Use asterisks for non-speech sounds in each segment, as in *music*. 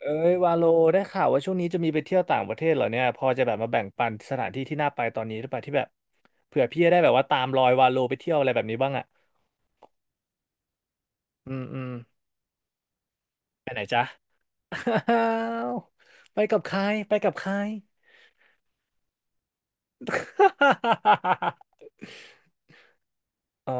เอ้ยวาโลได้ข่าวว่าช่วงนี้จะมีไปเที่ยวต่างประเทศเหรอเนี่ยพอจะแบบมาแบ่งปันสถานที่ที่น่าไปตอนนี้หรือเปล่าที่แบบเผื่อพี่จะได้แบบว่าตามรอยวาโลไปเที่ยวอะไรแบบนี้บ้างอ่ะอืมอืมอ้าวไปกับใครไปกับใคร *laughs* อ๋อ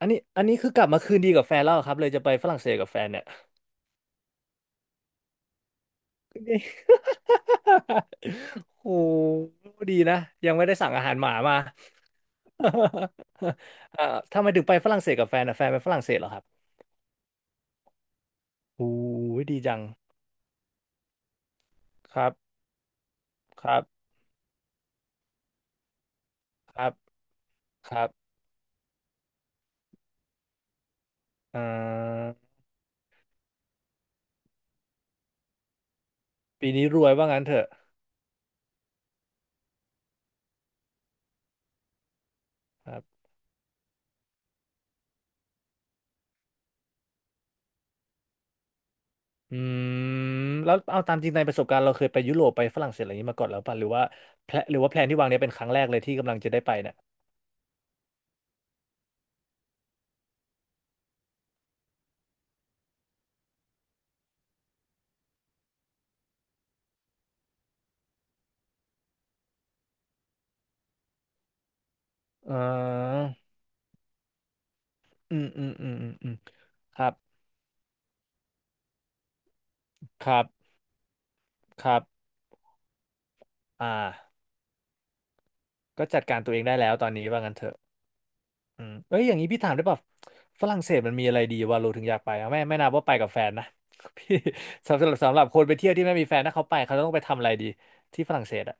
อันนี้คือกลับมาคืนดีกับแฟนแล้วเหรอครับเลยจะไปฝรั่งเศสกับแฟนเนี่ย *laughs* นี่ *laughs* โอ้ดีนะยังไม่ได้สั่งอาหารหมามา *laughs* เอ่อทำไมถึงไปฝรั่งเศสกับแฟนอะแฟนเป็นฝรั่งเศสเหรอครับ โอ้ยดีจัง ครับครับครับครับอ่าปีนี้รวยว่างั้นเถอะครับอืมแล้วเอาตามจริงในประสบการณ์เราเคยไปยุโรปไปฝรั่งเศสอะไรอย่างนี้มาก่อนแล้วป่ะหรือว่าแพลนหรือว่าแพลนที่วางเนี้ยเป็นครั้งแรกเลยที่กำลังจะได้ไปเนี่ยอ่าอืมอืมอืมอืมอืมครับครับครับอ่าก็จัดการตัวเองได้แล้วตอนนี้ว่างั้นเถอะ อืมเอ้ยอย่างนี้พี่ถามได้ป่ะฝรั่งเศสมันมีอะไรดีวะเราโลถึงอยากไปอะไม่นับว่าไปกับแฟนนะ *laughs* พี่สำหรับคนไปเที่ยวที่ไม่มีแฟนถ้าเขาไปเขาต้องไปทำอะไรดีที่ฝรั่งเศสอะ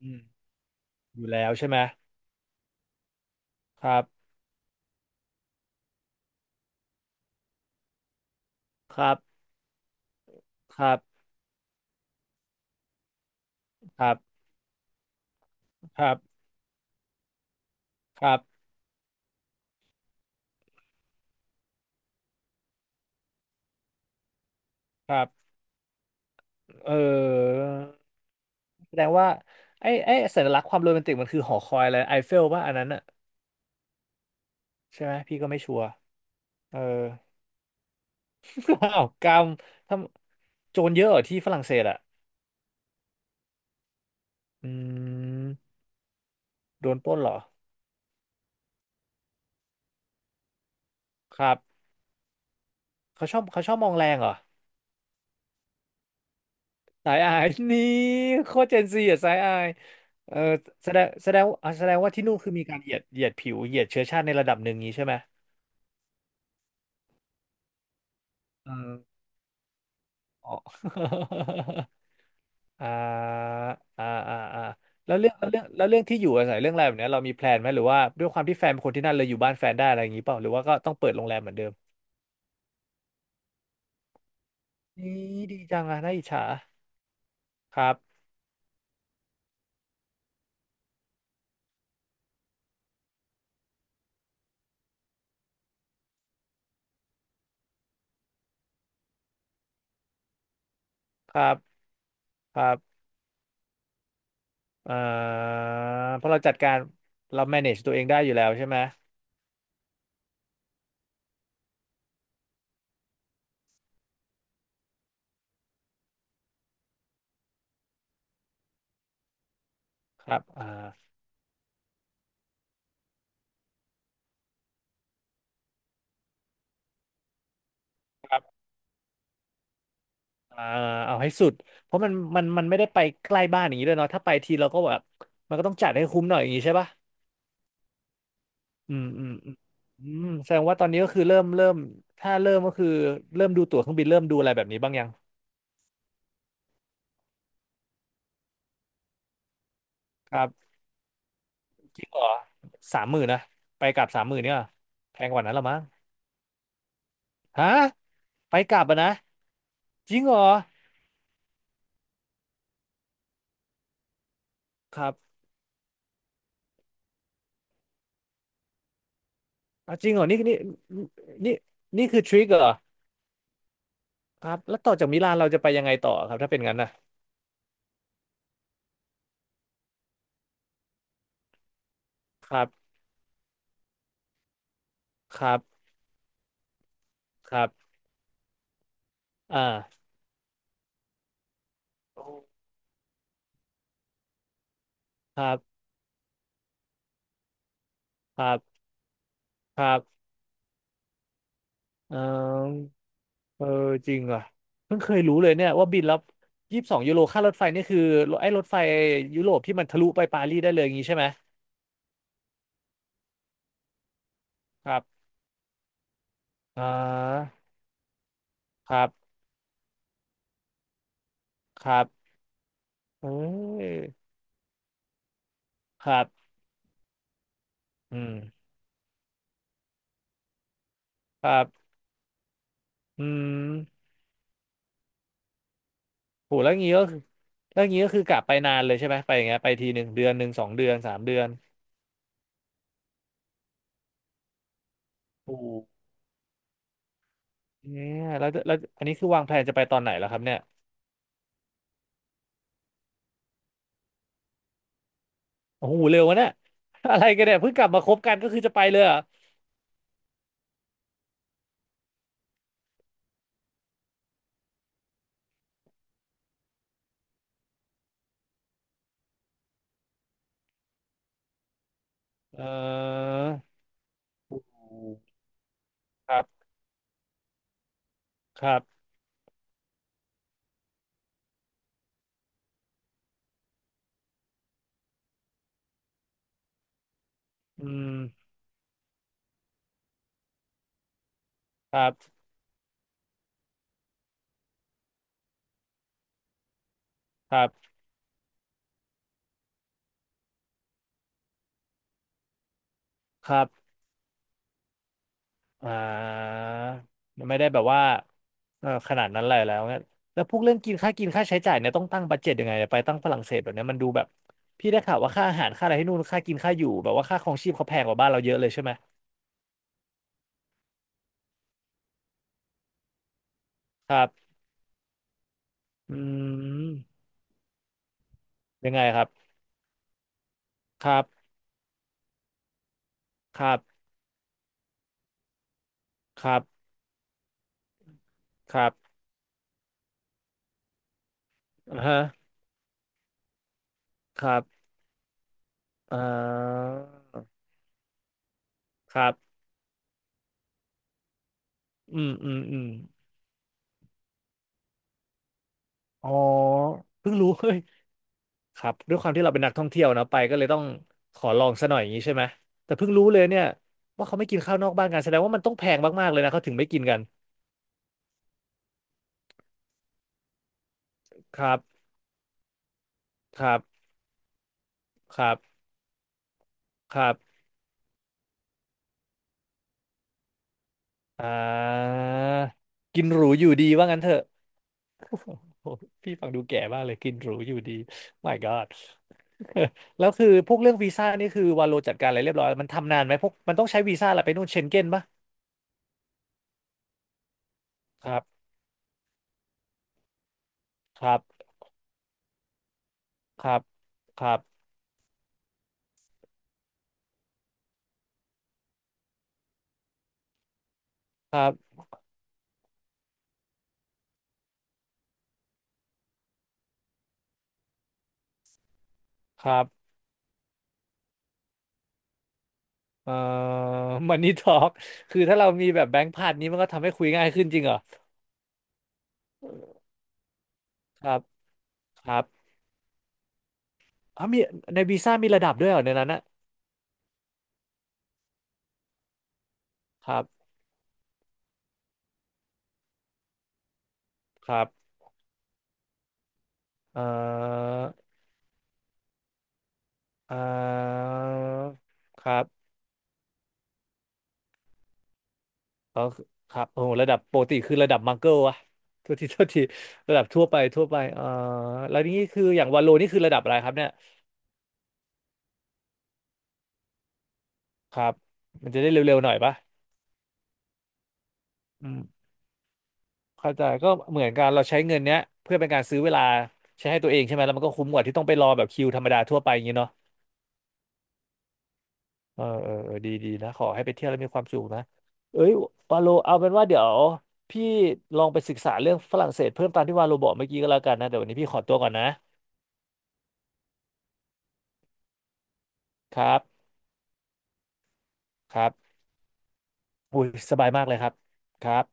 อืมอยู่แล้วใช่ไหมครับครับครับครับครับครับครับเออแสดงว่าไอ้สัญลักษณ์ความโรแมนติกมันคือหอคอยอะไรไอเฟลว่าอันนั้นอะใช่ไหมพี่ก็ไม่ชัวร์เออ *laughs* อ้าวกรรมทำโจรเยอะเหรอที่ฝรั่งเศสอะอืมโดนปล้นเหรอ ครับเขาชอบมองแรงเหรอสายอาย *laughs* นี่โคตรเจนซีอะสายอายเออแสดงว่าที่นู่นคือมีการเหยียดผิวเหยียดเชื้อชาติในระดับหนึ่งนี้ใช่ไหมเอออ๋อ *laughs* อ่าอ่าอ่าอ่าแล้วเรื่องที่อยู่อาศัยเรื่องอะไรแบบเนี้ยเรามีแพลนไหมหรือว่าด้วยความที่แฟนเป็นคนที่นั่นเลยอยู่บ้านแฟนได้อะไรอย่างนี้เปล่าหรือว่าก็ต้องเปิดโรงแรมเหมือนเดิมนี่ดีจังอะน่าอิจฉาครับครับครับ อ่าเพราะเราจัดการเรา manage ตัวเองได้อยู่แล้วใช่ไหมครับอ่าครับอ่าเอาให้สุดเพราะมันไม่ได้ไปใกล้บ้านอย่างนี้ด้วยเนาะถ้าไปทีเราก็แบบมันก็ต้องจัดให้คุ้มหน่อยอย่างนี้ใช่ปะอืมอืมอืมอืมแสดงว่าตอนนี้ก็คือเริ่มถ้าเริ่มก็คือเริ่มดูตั๋วเครื่องบินเริ่มดูอะไรแบบนี้บ้างยังครับจริงเหรอสามหมื่นนะไปกลับสามหมื่นเนี่ยแพงกว่านั้นละมั้งฮะไปกลับอะนะจริงเหรอครับ อ่ะจริงเหรอนี่นี่นี่นี่คือทริคเหรอครับแล้วต่อจากมิลานเราจะไปยังไงต่อครับถ้าเป็นงั้นนะครับครับครับอ่าครับครับครับเออเออจริงเหรอเพิ่งเคยรู้เลยเนี่ยว่าบินแล้ว22 ยูโรค่ารถไฟนี่คือไอ้รถไฟยุโรปที่มันทะลุไปปารีสได้เลยอย่างนี้ใช่ไหมครับอ่าครับครับเออครับอืมครับอืม โหแล้วงี้ก็คือแล้วงี้ก็คือกลับไปนานเลยใช่ไหมไปอย่างเงี้ยไปทีหนึ่งเดือนหนึ่งสองเดือนสามเดือนโอ้โหเนี่ยแล้วอันนี้คือวางแผนจะไปตอนไหนแล้วครับเนี่ยโอ้โหเร็ววะเนี่ย *laughs* อะไรกันเนี่ยเพิ่งกลับมาคบกันก็คือจะไปเลยเหรอเออโอ้โหครับครับอืมครับครับครับ อ่าไม่ได้แบบว่าเออขนาดนั้นเลยแล้วเนี่ยแล้วพวกเรื่องกินค่าใช้จ่ายเนี่ยต้องตั้งบัดเจ็ตยังไงเนี่ยไปตั้งฝรั่งเศสแบบเนี้ยมันดูแบบพี่ได้ข่าวว่าค่าอาหารค่าอะไรที่นู่นค่ากินค่าอยู่แบบว่าค่าครองชีพเขาแพงกว่าบ้านเราเยอะเลยใช่ไหมครับอืมยังไงครับครับครับครับครับอ่าฮะครับอ่าครับอืมอืมอืมอ๋อเพิ่งรู้เฮ้ย ครับด้วยความที่เราเป็นนักท่องเที่ยวเนาะไปก็เลยต้องขอลองซะหน่อยอย่างนี้ใช่ไหมแต่เพิ่งรู้เลยเนี่ยว่าเขาไม่กินข้าวนอกบ้านกันแสดงว่ามันต้องแพงมากๆเลยนะเขาถึงไม่กินกันครับครับครับครับอ่ากินหรูอยู่ดีว่างั้นเถอะ *laughs* โอ้โหพี่ฟังดูแก่มากเลยกินหรูอยู่ดี My God *laughs* แล้วคือพวกเรื่องวีซ่านี่คือวาโลจัดการอะไรเรียบร้อยมันทำนานไหมพวกมันต้องใช้วีซ่าอะไรไปนู่นเชงเก้นปะครับครับครับครับครับครับ เอ่อ *laughs* มันนี่ทอล์กคือถ้าเรามีแบบแบงค์พันนี้มันก็ทำให้คุยง่ายขึ้นจริงเหรอครับครับอ๋อมีในวีซ่ามีระดับด้วยเหรอในนั้นนะครับครับเอ่อเอ่อครับเออครับโอ้โหระดับปกติคือระดับมังเกิลอะโทษทีโทษทีระดับทั่วไปทั่วไปแล้วนี่คืออย่างวาโลนี่คือระดับอะไรครับเนี่ยครับมันจะได้เร็วๆหน่อยปะอืม เข้าใจก็เหมือนกันเราใช้เงินเนี้ยเพื่อเป็นการซื้อเวลาใช้ให้ตัวเองใช่ไหมแล้วมันก็คุ้มกว่าที่ต้องไปรอแบบคิวธรรมดาทั่วไปอย่างนี้เนาะเออเออเออดีดีนะขอให้ไปเที่ยวแล้วมีความสุขนะเอ้ยวาโลเอาเป็นว่าเดี๋ยวพี่ลองไปศึกษาเรื่องฝรั่งเศสเพิ่มตามที่วาโลบอกเมื่อกี้ก็แล้วกันนะเดี๋ยววันนี้พี่ขอตัวก่อนนะครับครับอุ้ยสบายมากเลยครับครับ